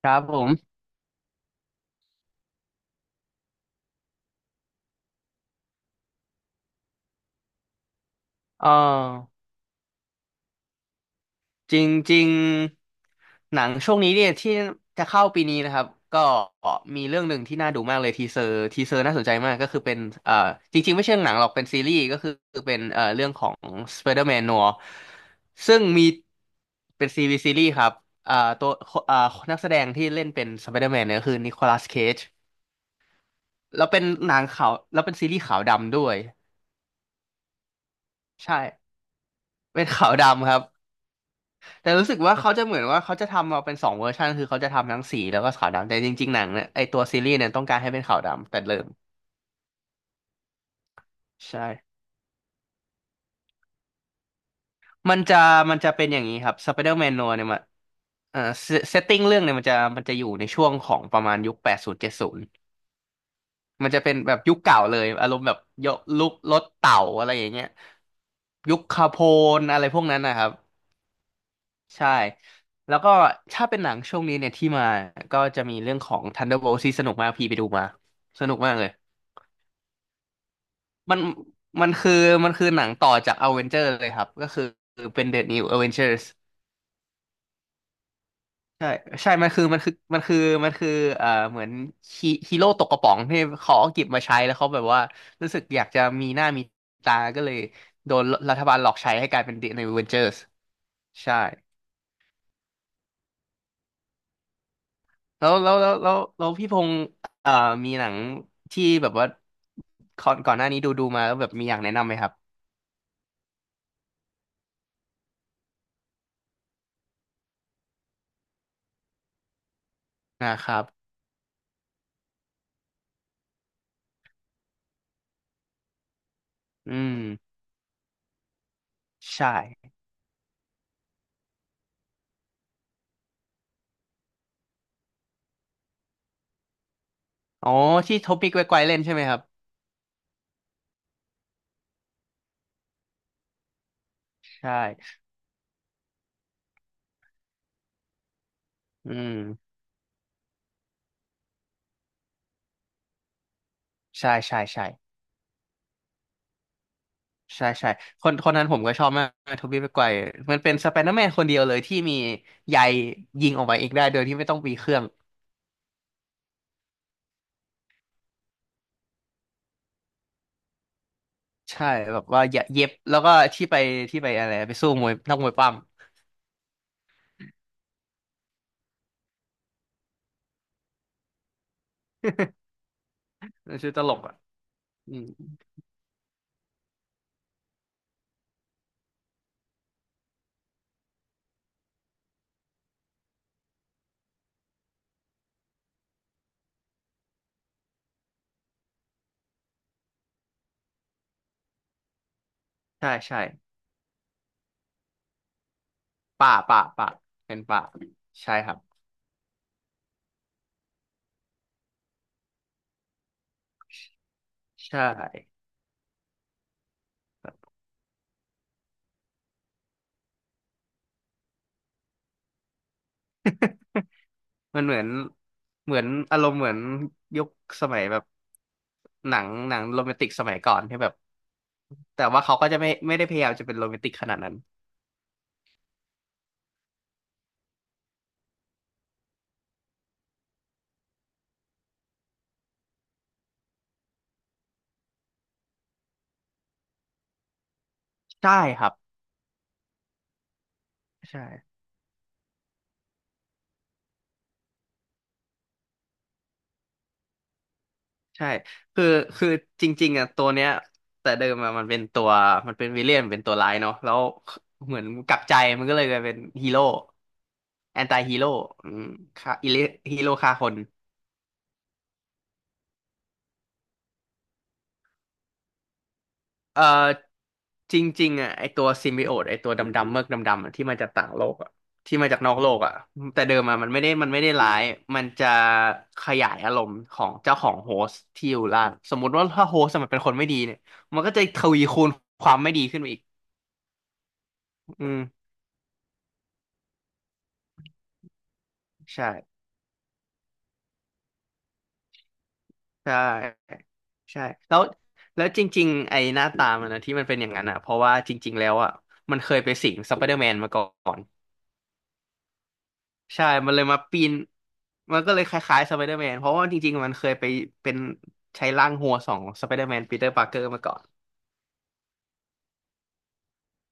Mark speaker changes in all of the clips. Speaker 1: ครับผมเออจริงๆหนังช่วงนี้เนี่ยที่จะเข้าปีนี้นะครับก็มีเรื่องหนึ่งที่น่าดูมากเลยทีเซอร์น่าสนใจมากก็คือเป็นเอ่อจริงๆไม่ใช่หนังหรอกเป็นซีรีส์ก็คือเป็นเรื่องของ Spider-Man Noir ซึ่งมีเป็นซีรีส์ครับเอ่อตัวเอ่อนักแสดงที่เล่นเป็น Spider-Man เนี่ยก็คือนิโคลัสเคจแล้วเป็นหนังขาวแล้วเป็นซีรีส์ขาวดำด้วยใช่เป็นขาวดำครับ แต่รู้สึกว่าเขาจะเหมือนว่าเขาจะทำมาเป็นสองเวอร์ชันคือเขาจะทำทั้งสีแล้วก็ขาวดำแต่จริงๆหนังเนี่ยไอตัวซีรีส์เนี่ยต้องการให้เป็นขาวดำแต่เริ่มใช่มันจะมันจะเป็นอย่างนี้ครับสไปเดอร์แมนโนเนี่ยมันเอ่อเซตติ้งเรื่องเนี่ยมันจะอยู่ในช่วงของประมาณยุค8070มันจะเป็นแบบยุคเก่าเลยอารมณ์แบบยกลุกรถเต่าอะไรอย่างเงี้ยยุคคาโพนอะไรพวกนั้นนะครับ ใช่ แล้วก็ถ้าเป็นหนังช่วงนี้เนี่ยที่มาก็จะมีเรื่องของ Thunderbolt ที่สนุกมากพี่ไปดูมา สนุกมากเลย มันมันคือมันคือหนังต่อจาก Avenger เลยครับ ก็คือเป็น The New Avengers ใช่ใช่มันคือเหมือนฮีโร่ตกกระป๋องที่เขาเอาเก็บมาใช้แล้วเขาแบบว่ารู้สึกอยากจะมีหน้ามีตา ก็เลยโดนรัฐบาลหลอกใช้ให้กลายเป็น The New Avengers ใช่ แล้วพี่พงษ์เอ่อมีหนังที่แบบว่าก่อนหน้านี้ดูมาแล้วแบบมีอยากแนะนำไหมครับนะครับอืมใช่อ๋อที่โทปิกไวไกวเล่นใช่ไหมครับใช่อืมใช่ใช่ใช่ใช่ใช่คนคนนั้นผมก็ชอบมากโทบี้ไปไกวร์มันเป็นสไปเดอร์แมนคนเดียวเลยที่มีใยยิงออกมาเองได้โดยที่ไม่ต้องมีเครื่องใช่แบบว่าเย็บแล้วก็ที่ไปอะไรไปสู้มวยนักมวยปั้มันชื่อตลกอ่ะอืมใช่ใช่ ป่าป่าป่าเป็นป่าใช่ครับใช่มันเหมือนอารมณ์เหมือนยุคสมัยแบบหนังโรแมนติกสมัยก่อนที่แบบแต่ว่าเขาก็จะไม่ได้พยายามจะเป็นโรแมนติกขนาดนั้นใช่ครับใช่ใช่คือคือจริงๆอ่ะตัวเนี้ยแต่เดิมอะมันเป็นตัวมันเป็นวิลเลียนเป็นตัวร้ายเนาะแล้วเหมือนกลับใจมันก็เลยกลายเป็นฮีโร่แอนตี้ฮีโร่อืมฆ่าฮีโร่ฆ่าคน เอ่อจริงๆอ่ะไอตัวซิมบิโอตไอตัวดำๆเมือกดำๆอะที่มาจากต่างโลกอ่ะที่มาจากนอกโลกอ่ะแต่เดิมอ่ะมันไม่ได้ร้ายมันจะขยายอารมณ์ของเจ้าของโฮสต์ที่อยู่ล่างสมมุติว่าถ้าโฮสต์มันเป็นคนไม่ดีเนี่ยมันก็จะทวีคูณความไม่ดีขึ้นมาอีกอืมใช่ใช่ใช่แล้วแล้วจริงๆไอหน้าตามันนะที่มันเป็นอย่างนั้นอ่ะเพราะว่าจริงๆแล้วอ่ะมันเคยไปสิงสไปเดอร์แมนมาก่อน ใช่ มันเลยมาปีน มันก็เลยคล้ายๆสไปเดอร์แมนเพราะว่าจริงๆมันเคยไปเป็นใช้ร่างหัวสองสไปเดอร์แมนปีเตอร์ปาร์เกอร์มาก่อน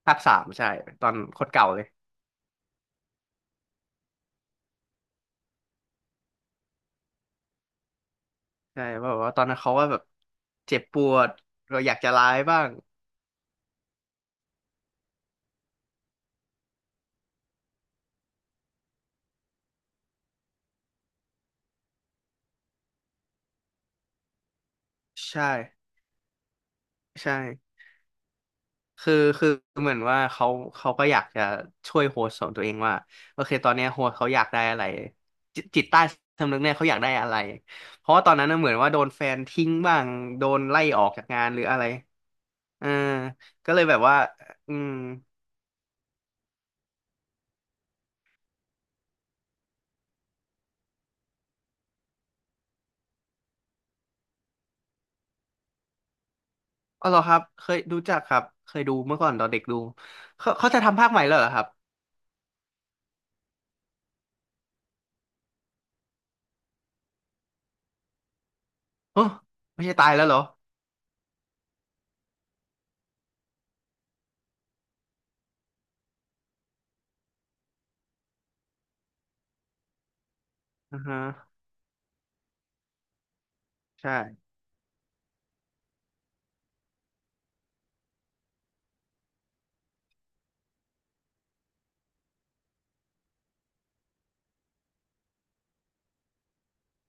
Speaker 1: ภาค 3ใช่ตอนโคตรเก่าเลยใช่เพราะว่าตอนนั้นเขาว่าแบบเจ็บปวดเราอยากจะร้ายบ้างใช่ใช่ คือคือเหมือนว่าเขาก็อยากจะช่วยโฮสต์ของตัวเองว่าโอเคตอนเนี้ยโฮสต์เขาอยากได้อะไรจิตใต้สำนึกเนี่ยเขาอยากได้อะไรเพราะว่าตอนนั้นน่ะเหมือนว่าโดนแฟนทิ้งบ้างโดนไล่ออกจากงานหรืออะไรเออก็เลยแบบว่าอืมอ๋อเหรอครับเคยรู้จักครับเคยดูเมื่อก่อนตอนเด็กดูเขาจะทำภาคใหม่แล้วเหรอครับโอ้ไม่ใช่ตายแล้วเหรออือฮะใช่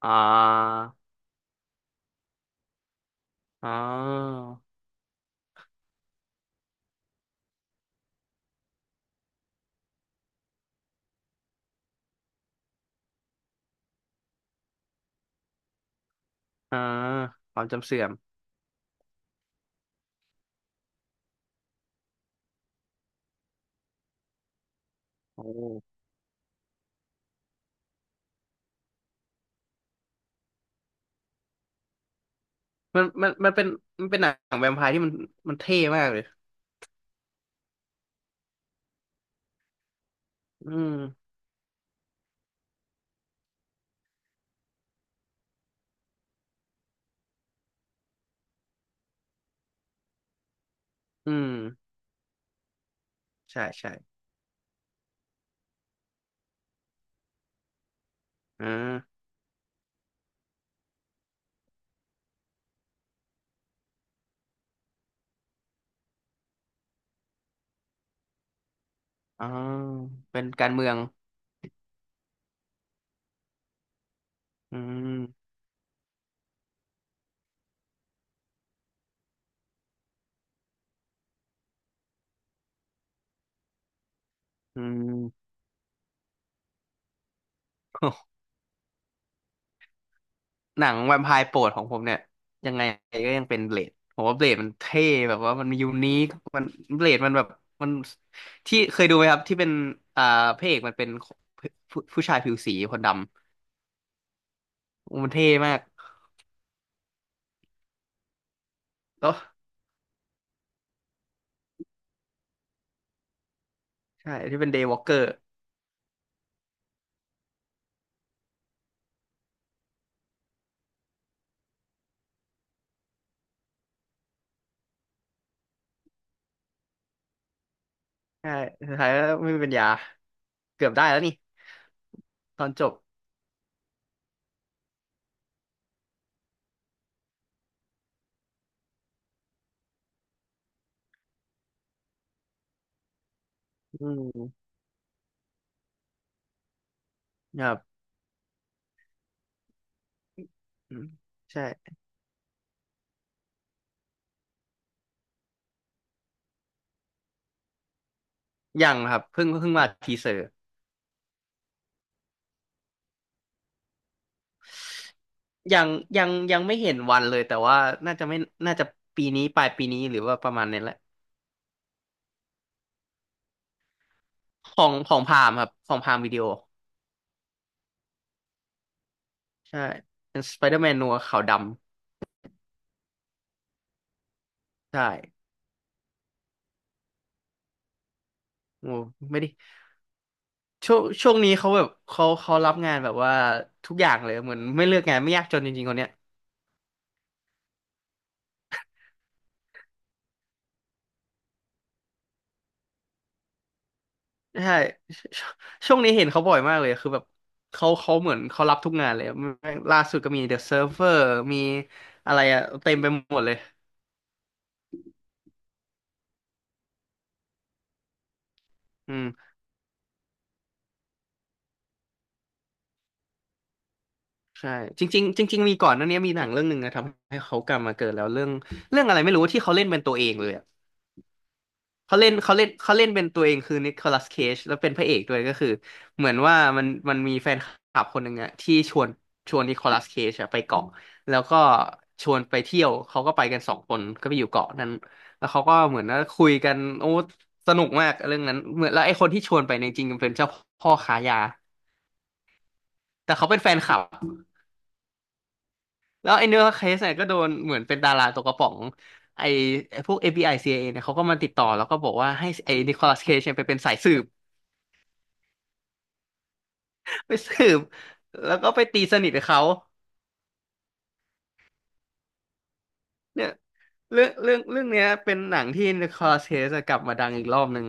Speaker 1: อ่าอ๋ออ่าความจำเสื่อมโอ้ มันมันมันเป็นมันเป็นหนังแวมไพร์ที่มันเท่มากเลยอืมอืมใช่ใช่อ่าอ๋อเป็นการเมืองอืมอืม โอ้หนังแวมไพร์โปรดของผมเนี่ยยังไงก็ยังเป็นเบลดผมว่าเบลดมันเท่แบบว่ามันยูนิคมันเบลดมันแบบมันที่เคยดูไหมครับที่เป็นอ่าพระเอกมันเป็นผู้ชายผิวสีคนดำมันเท่มากแล้วใช่ที่เป็นเดย์วอล์กเกอร์ใช่สุดท้ายก็ไม่มีปัญญาเกือบได้แล้วนี่ ตอนจบอืมครับอืมใช่ยังครับเพิ่งมาทีเซอร์ยังยังไม่เห็นวันเลยแต่ว่าน่าจะไม่น่าจะปีนี้ปลายปีนี้หรือว่าประมาณนี้แหละของพามครับของพามวิดีโอ ใช่ เป็นสไปเดอร์แมนนัวขาวดำใช่โอ้ไม่ได้ช่วงนี้เขาแบบเขารับงานแบบว่าทุกอย่างเลยเหมือนไม่เลือกงานไม่ยากจนจริงๆคนเนี้ย ใช่ ชช่วงนี้เห็นเขาบ่อยมากเลยคือแบบเขาเหมือนเขารับทุกงานเลยแม่งล่าสุดก็มี The Server มีอะไรอะเต็มไปหมดเลยอืมใช่จริงๆจริงๆมีก่อนหนั้นเนี้ยมีหนังเรื่องหนึ่งนะทำให้เขากลับมาเกิดแล้วเรื่องอะไรไม่รู้ที่เขาเล่นเป็นตัวเองเลยอะ เขาเล่นเขาเล่นเขาเล่นเป็นตัวเองคือนิโคลัสเคจแล้วเป็นพระเอกด้วยก็คือเหมือนว่ามันมีแฟนคลับคนหนึ่งอะที่ชวนนิโคลัสเคจอะไปเกาะแล้วก็ชวนไปเที่ยวเขาก็ไปกันสองคนก็ไปอยู่เกาะนั้นแล้วเขาก็เหมือนว่าคุยกันโอ้สนุกมากเรื่องนั้นเหมือนแล้วไอ้คนที่ชวนไปเนี่ยจริงๆเป็นเจ้าพ่อค้ายาแต่เขาเป็นแฟนคลับแล้วไอ้เนื้อเคสเนี่ยก็โดนเหมือนเป็นดาราตกกระป๋องไอ้ไอ้พวก FBI c i อซีไอเอเนี่ยเขาก็มาติดต่อแล้วก็บอกว่าให้ไอ้นิโคลัสเคจเนี่ยไปเป็นสายสืบ ไปสืบแล้วก็ไปตีสนิทกับเขาเนี่ยเรื่องเนี้ยเป็นหนังที่ Nicolas Cage อะกลับมาดังอีกรอบหนึ่ง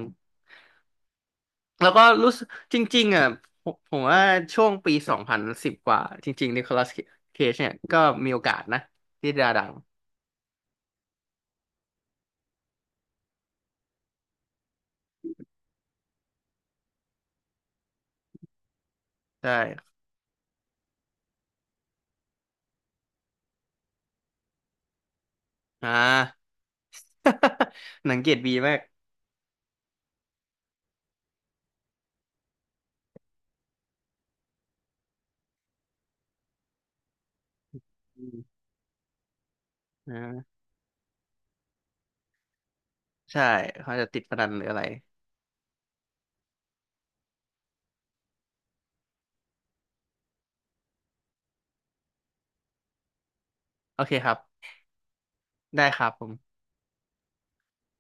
Speaker 1: แล้วก็รู้สึกจริงๆอ่ะผมว่าช่วงปี2010กว่าจริงๆ Nicolas Cage เนี่ยก็มีโอกาสนะที่จะดังใช่อ่า หนังเกรดบีมากอืมอ่าใช่เขาจะติดพนันหรืออะไรโอเคครับได้ครับผม